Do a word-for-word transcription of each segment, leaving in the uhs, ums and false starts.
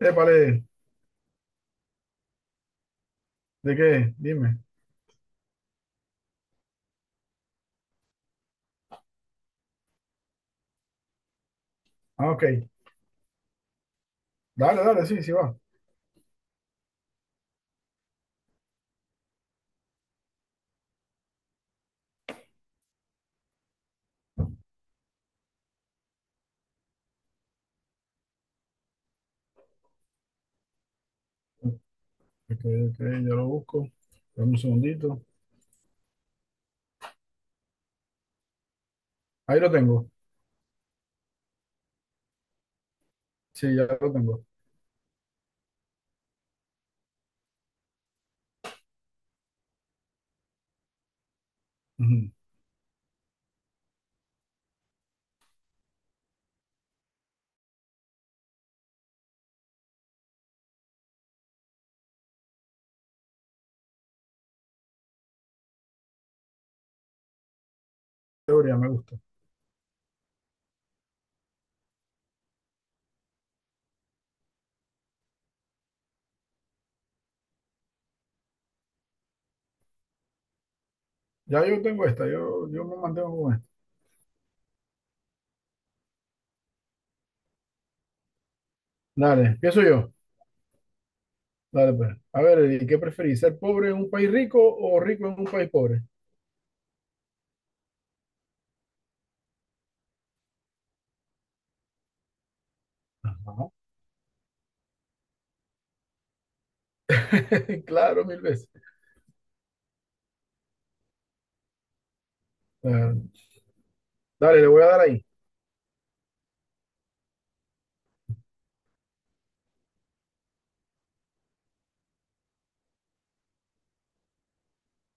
Épale, ¿de qué? Dime. Ah, ok. Dale, dale, sí, sí va. Ok, ok, ya lo busco. Dame un segundito. Ahí lo tengo. Sí, ya lo tengo. Ujú. Teoría, me gusta. Ya yo tengo esta, yo, yo me mantengo con esta. Dale, empiezo yo. Dale, pues. A ver, ¿y ¿qué preferís? ¿Ser pobre en un país rico o rico en un país pobre? Ajá. Claro, mil veces. Claro. Dale, le voy a dar ahí.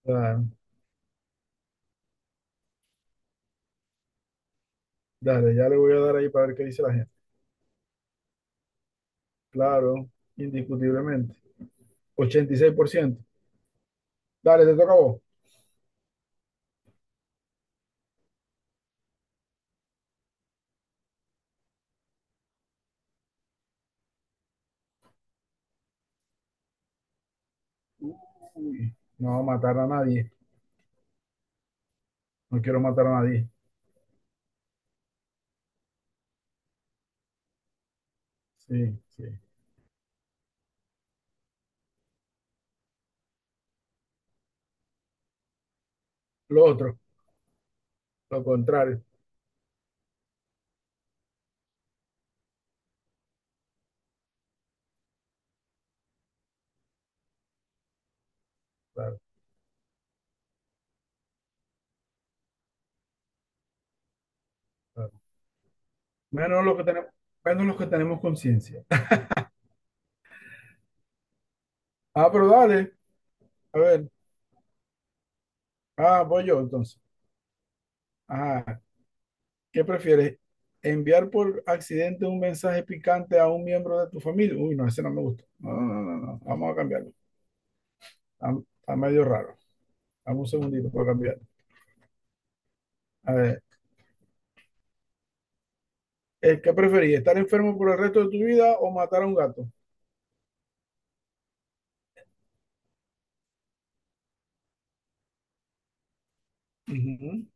Claro. Dale, ya le voy a dar ahí para ver qué dice la gente. Claro, indiscutiblemente. Ochenta y seis por ciento. Dale, te toca a vos. Uy, no matar a nadie. No quiero matar a nadie. Sí, sí. Lo otro, lo contrario. Claro, claro. Menos lo que tenemos, menos los que tenemos conciencia. Ah, pero dale. A ver. Ah, voy yo entonces. Ajá. ¿Qué prefieres? ¿Enviar por accidente un mensaje picante a un miembro de tu familia? Uy, no, ese no me gusta. No, no, no, no, no. Vamos a cambiarlo. Está, está medio raro. Dame un segundito para cambiarlo. A ver. ¿eh, ¿Qué preferís? ¿Estar enfermo por el resto de tu vida o matar a un gato? Ujú.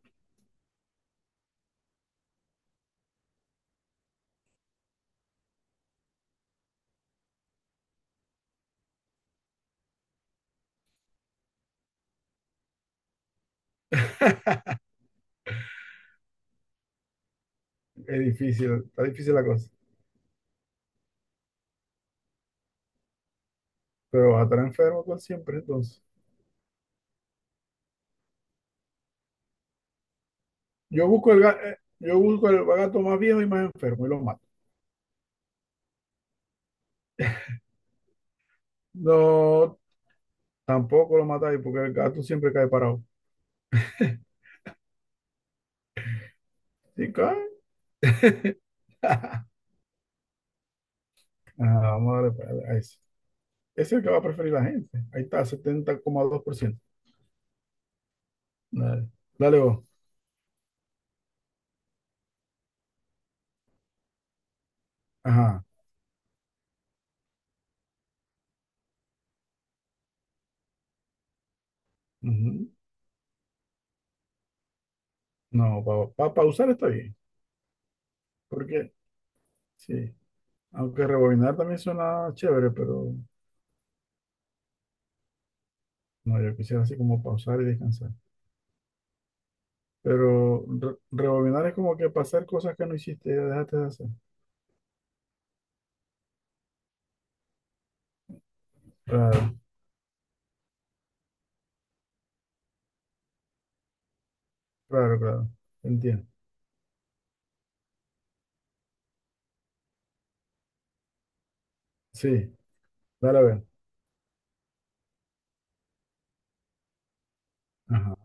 Es difícil, está difícil la cosa. Pero vas a estar enfermo tú siempre, entonces. Yo busco el, ga- eh, yo busco el gato más viejo y más enfermo y lo mato. No, tampoco lo matáis porque el gato siempre cae parado. Sí, cae. Ajá, vamos a darle pa- a ese. Ese es el que va a preferir la gente. Ahí está, setenta coma dos por ciento. Dale, dale vos. Ajá. Ujú. No, para pausar está bien. Porque, sí. Aunque rebobinar también suena chévere, pero no, yo quisiera así como pausar y descansar. Pero re- rebobinar es como que pasar cosas que no hiciste, ya dejaste de hacer. Claro, claro, claro. Entiendo. Sí, dale a ver. Ajá,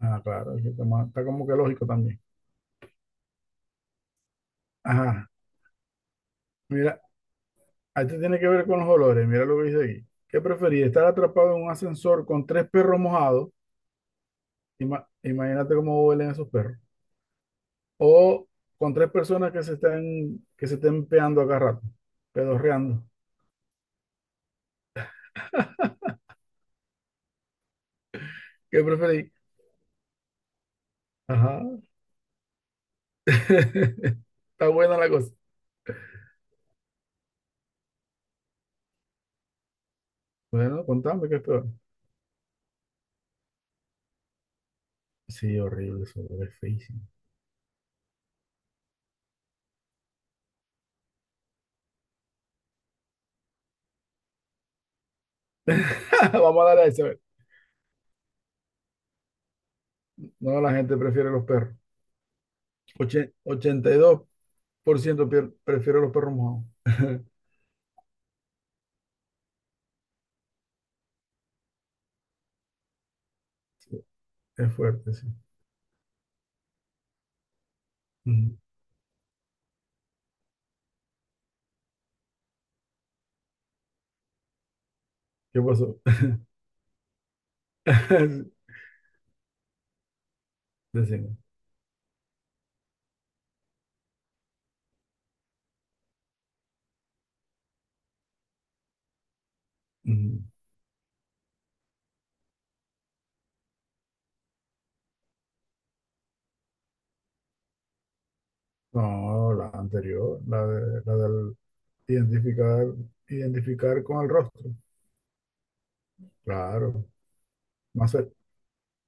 ah, claro, aquí está, más- está como que lógico también. Ajá, mira, esto tiene que ver con los olores. Mira lo que dice aquí. ¿Qué preferís? ¿Estar atrapado en un ascensor con tres perros mojados? Ima- imagínate cómo huelen esos perros. O con tres personas que se están, que se estén peando a cada rato, pedorreando. ¿Qué preferís? Ajá, está buena la cosa. Bueno, contame qué es peor. Sí, horrible, eso es feísimo. Vamos a dar a ese. A ver. No, la gente prefiere los perros. Oche- ochenta y dos por ciento pier- prefiere los perros mojados. Sí, es fuerte, sí. Ujú. ¿Qué pasó? Decime. Ujú. No, la anterior, la de, la del identificar, identificar con el rostro. Claro. Más, se-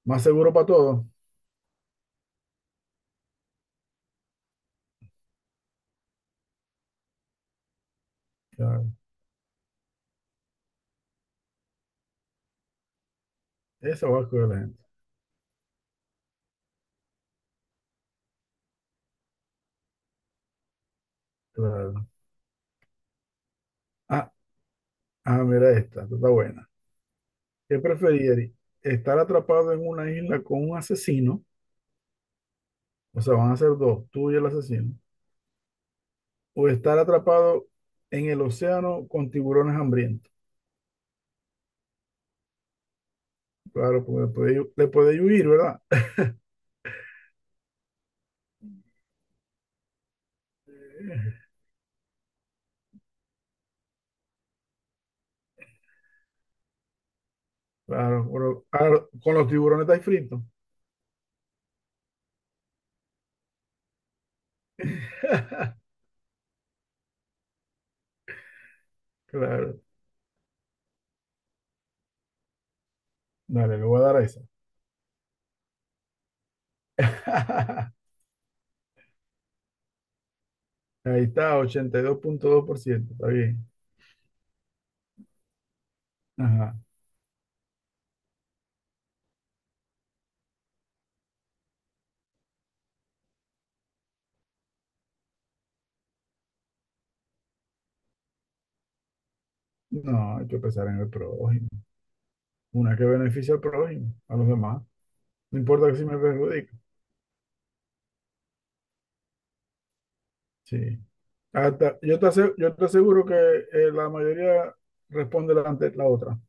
más seguro para todos. Claro. Esa va a escoger la gente. Claro. Ah, ah, mira esta, esta está buena. ¿Qué preferirías? ¿Estar atrapado en una isla con un asesino? O sea, van a ser dos, tú y el asesino. ¿O estar atrapado en el océano con tiburones hambrientos? Claro, porque le podéis le podéis huir, ¿verdad? Claro, pero- claro, con los tiburones estáis fritos. Claro, dale, le voy a dar a esa. Ahí está, ochenta y dos dos punto dos por ciento, está bien. Ajá. No, hay que pensar en el prójimo. Una que beneficia al prójimo, a los demás. No importa que si me perjudica. Sí. Hasta- yo te ase- yo te aseguro que eh, la mayoría responde la, ante la otra.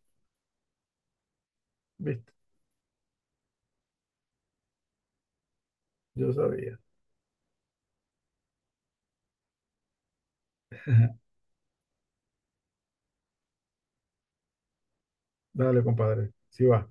¿Viste? Yo sabía. Dale, compadre. Si va.